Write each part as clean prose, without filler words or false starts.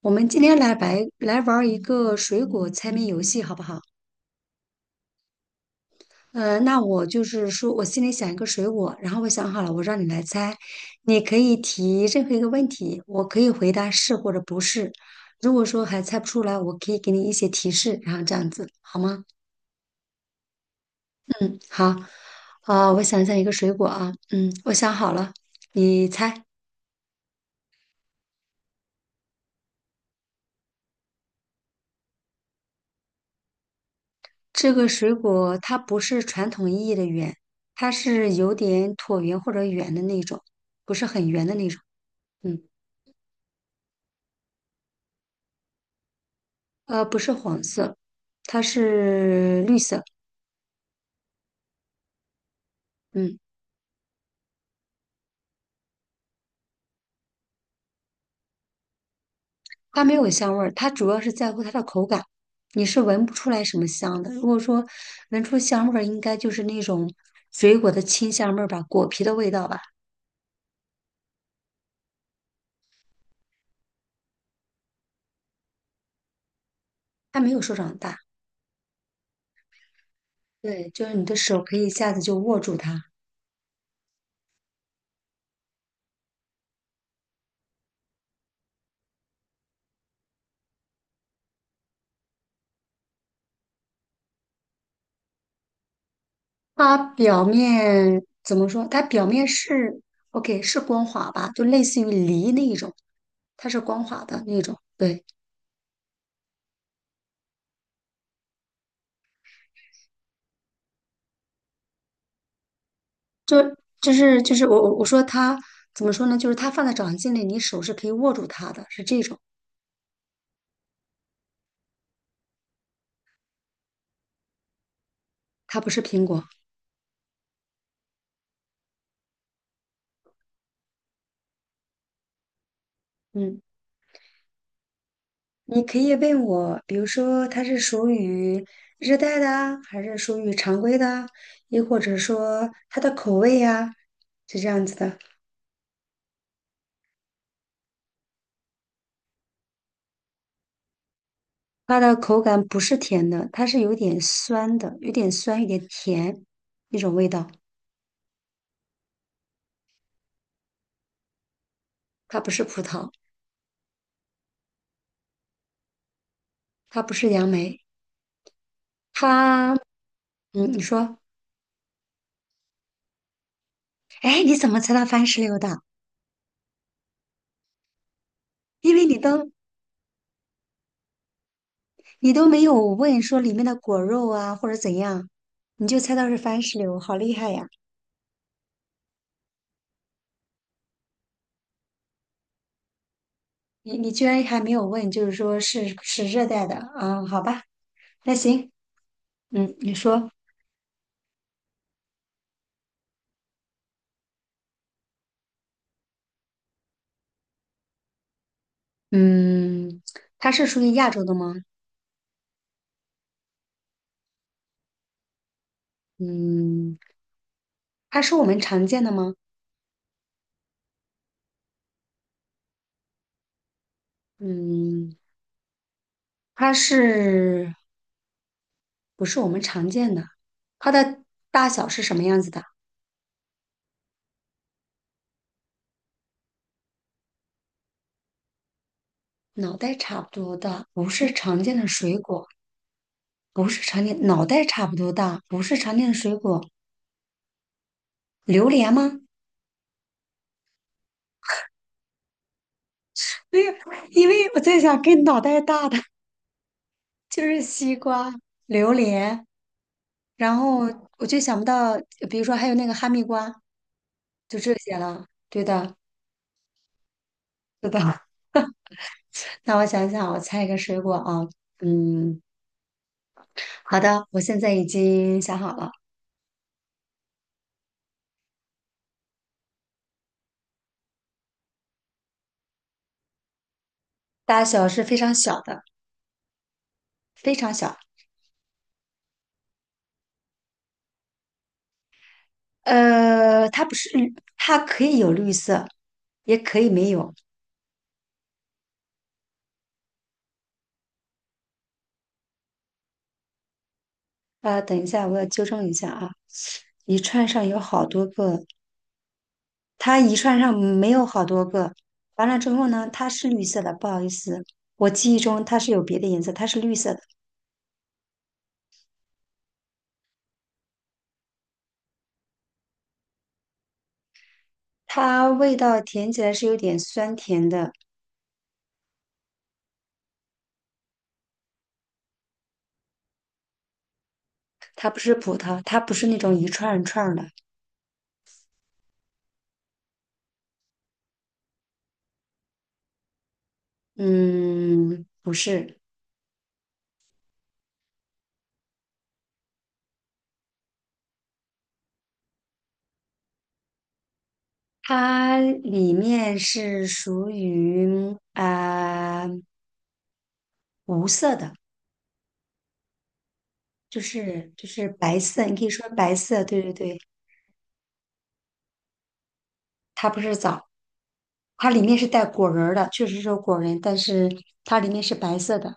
我们今天来白来玩儿一个水果猜谜游戏，好不好？那我就是说我心里想一个水果，然后我想好了，我让你来猜，你可以提任何一个问题，我可以回答是或者不是。如果说还猜不出来，我可以给你一些提示，然后这样子好吗？嗯，好。啊、我想想一个水果啊，嗯，我想好了，你猜这个水果它不是传统意义的圆，它是有点椭圆或者圆的那种，不是很圆的那种。嗯，不是黄色，它是绿色。嗯，它没有香味儿，它主要是在乎它的口感，你是闻不出来什么香的。如果说闻出香味儿，应该就是那种水果的清香味儿吧，果皮的味道吧。它没有手掌大，对，就是你的手可以一下子就握住它。它表面怎么说？它表面是 OK,是光滑吧，就类似于梨那一种，它是光滑的那种。对。就是我说它怎么说呢？就是它放在掌心里，你手是可以握住它的，是这种。它不是苹果。嗯，你可以问我，比如说它是属于热带的啊还是属于常规的啊，又或者说它的口味呀、是这样子的。它的口感不是甜的，它是有点酸的，有点酸，有点甜那种味道。它不是葡萄，它不是杨梅，它嗯，你说，哎，你怎么知道番石榴的？因为你都。你都没有问说里面的果肉啊或者怎样，你就猜到是番石榴，好厉害呀！你居然还没有问，就是说是热带的，啊，好吧，那行，嗯，你说，嗯，它是属于亚洲的吗？嗯，它是我们常见的吗？嗯，它是不是我们常见的？它的大小是什么样子的？脑袋差不多大，不是常见的水果，不是常见，脑袋差不多大，不是常见的水果。榴莲吗？没有，因为我在想跟脑袋大的就是西瓜、榴莲，然后我就想不到，比如说还有那个哈密瓜，就这些了。对的，对的。那我想想，我猜一个水果啊，嗯，好的，我现在已经想好了，大小是非常小的，非常小。它不是绿，它可以有绿色，也可以没有。等一下，我要纠正一下啊。一串上有好多个，它一串上没有好多个。完了之后呢，它是绿色的，不好意思，我记忆中它是有别的颜色，它是绿色的。它味道甜起来是有点酸甜的，它不是葡萄，它不是那种一串儿一串儿的，嗯，不是，它里面是属于无色的，就是白色，你可以说白色，对对对，它不是枣，它里面是带果仁儿的，确实是有果仁，但是它里面是白色的。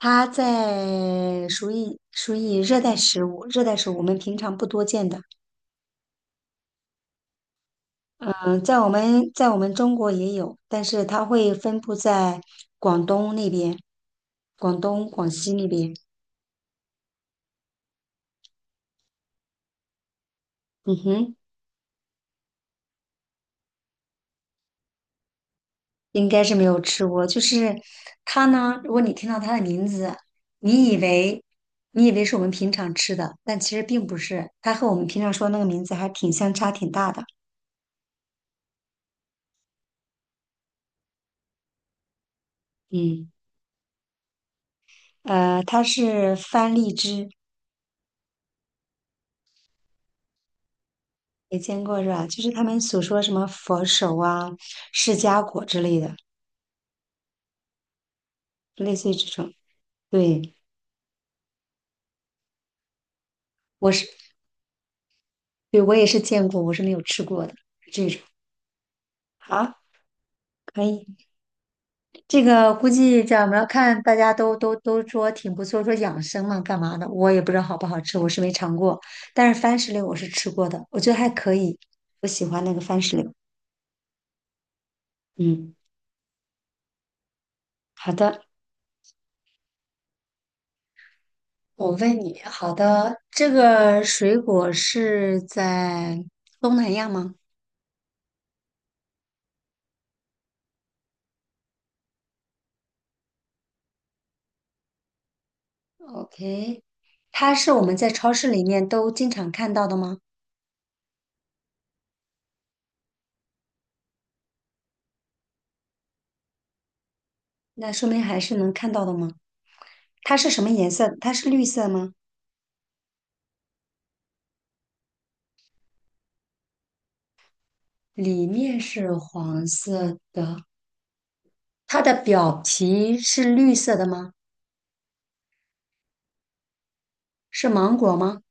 它在属于属于热带食物，热带食物我们平常不多见的。嗯，在我们中国也有，但是它会分布在广东那边，广东、广西那边。嗯哼，应该是没有吃过。就是它呢，如果你听到它的名字，你以为你以为是我们平常吃的，但其实并不是。它和我们平常说的那个名字还挺相差挺大的。嗯，呃，它是番荔枝。也见过是吧？就是他们所说什么佛手啊、释迦果之类的，类似于这种。对，我是，对，我也是见过，我是没有吃过的这种。好，可以，这个估计这样，我们要看大家都说挺不错，说养生嘛，干嘛的？我也不知道好不好吃，我是没尝过，但是番石榴我是吃过的，我觉得还可以，我喜欢那个番石榴。嗯，好的，我问你，好的，这个水果是在东南亚吗？OK,它是我们在超市里面都经常看到的吗？那说明还是能看到的吗？它是什么颜色？它是绿色吗？里面是黄色的，它的表皮是绿色的吗？是芒果吗？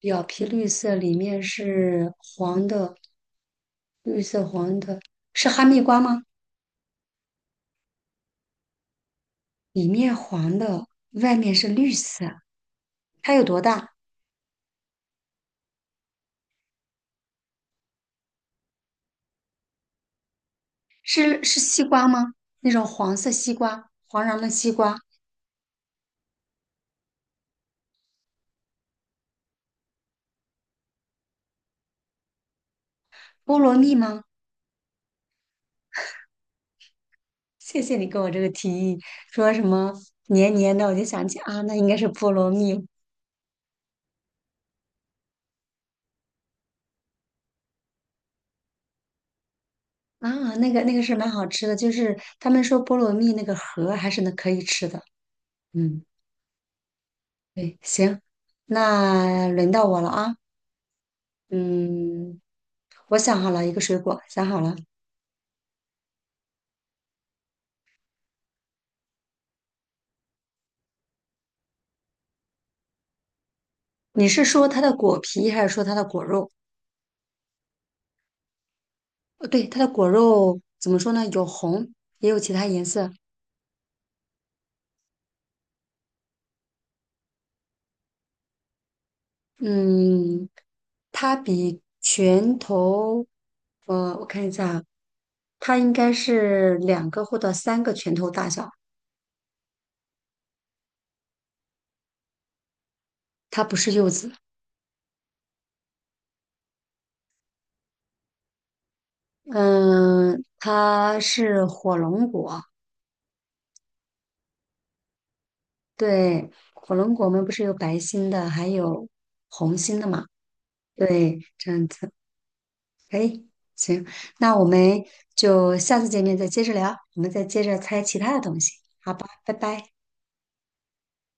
表皮绿色，里面是黄的，绿色黄的，是哈密瓜吗？里面黄的，外面是绿色，它有多大？是西瓜吗？那种黄色西瓜，黄瓤的西瓜，菠萝蜜吗？谢谢你给我这个提议，说什么黏黏的，我就想起啊，那应该是菠萝蜜啊，那个是蛮好吃的，就是他们说菠萝蜜那个核还是那可以吃的。嗯，对，行，那轮到我了啊。嗯，我想好了一个水果，想好了，你是说它的果皮还是说它的果肉？对，它的果肉怎么说呢？有红，也有其他颜色。嗯，它比拳头，我看一下啊它应该是两个或者三个拳头大小。它不是柚子，嗯，它是火龙果。对，火龙果我们不是有白心的，还有红心的嘛？对，这样子，哎，行，那我们就下次见面再接着聊，我们再接着猜其他的东西，好吧，拜拜。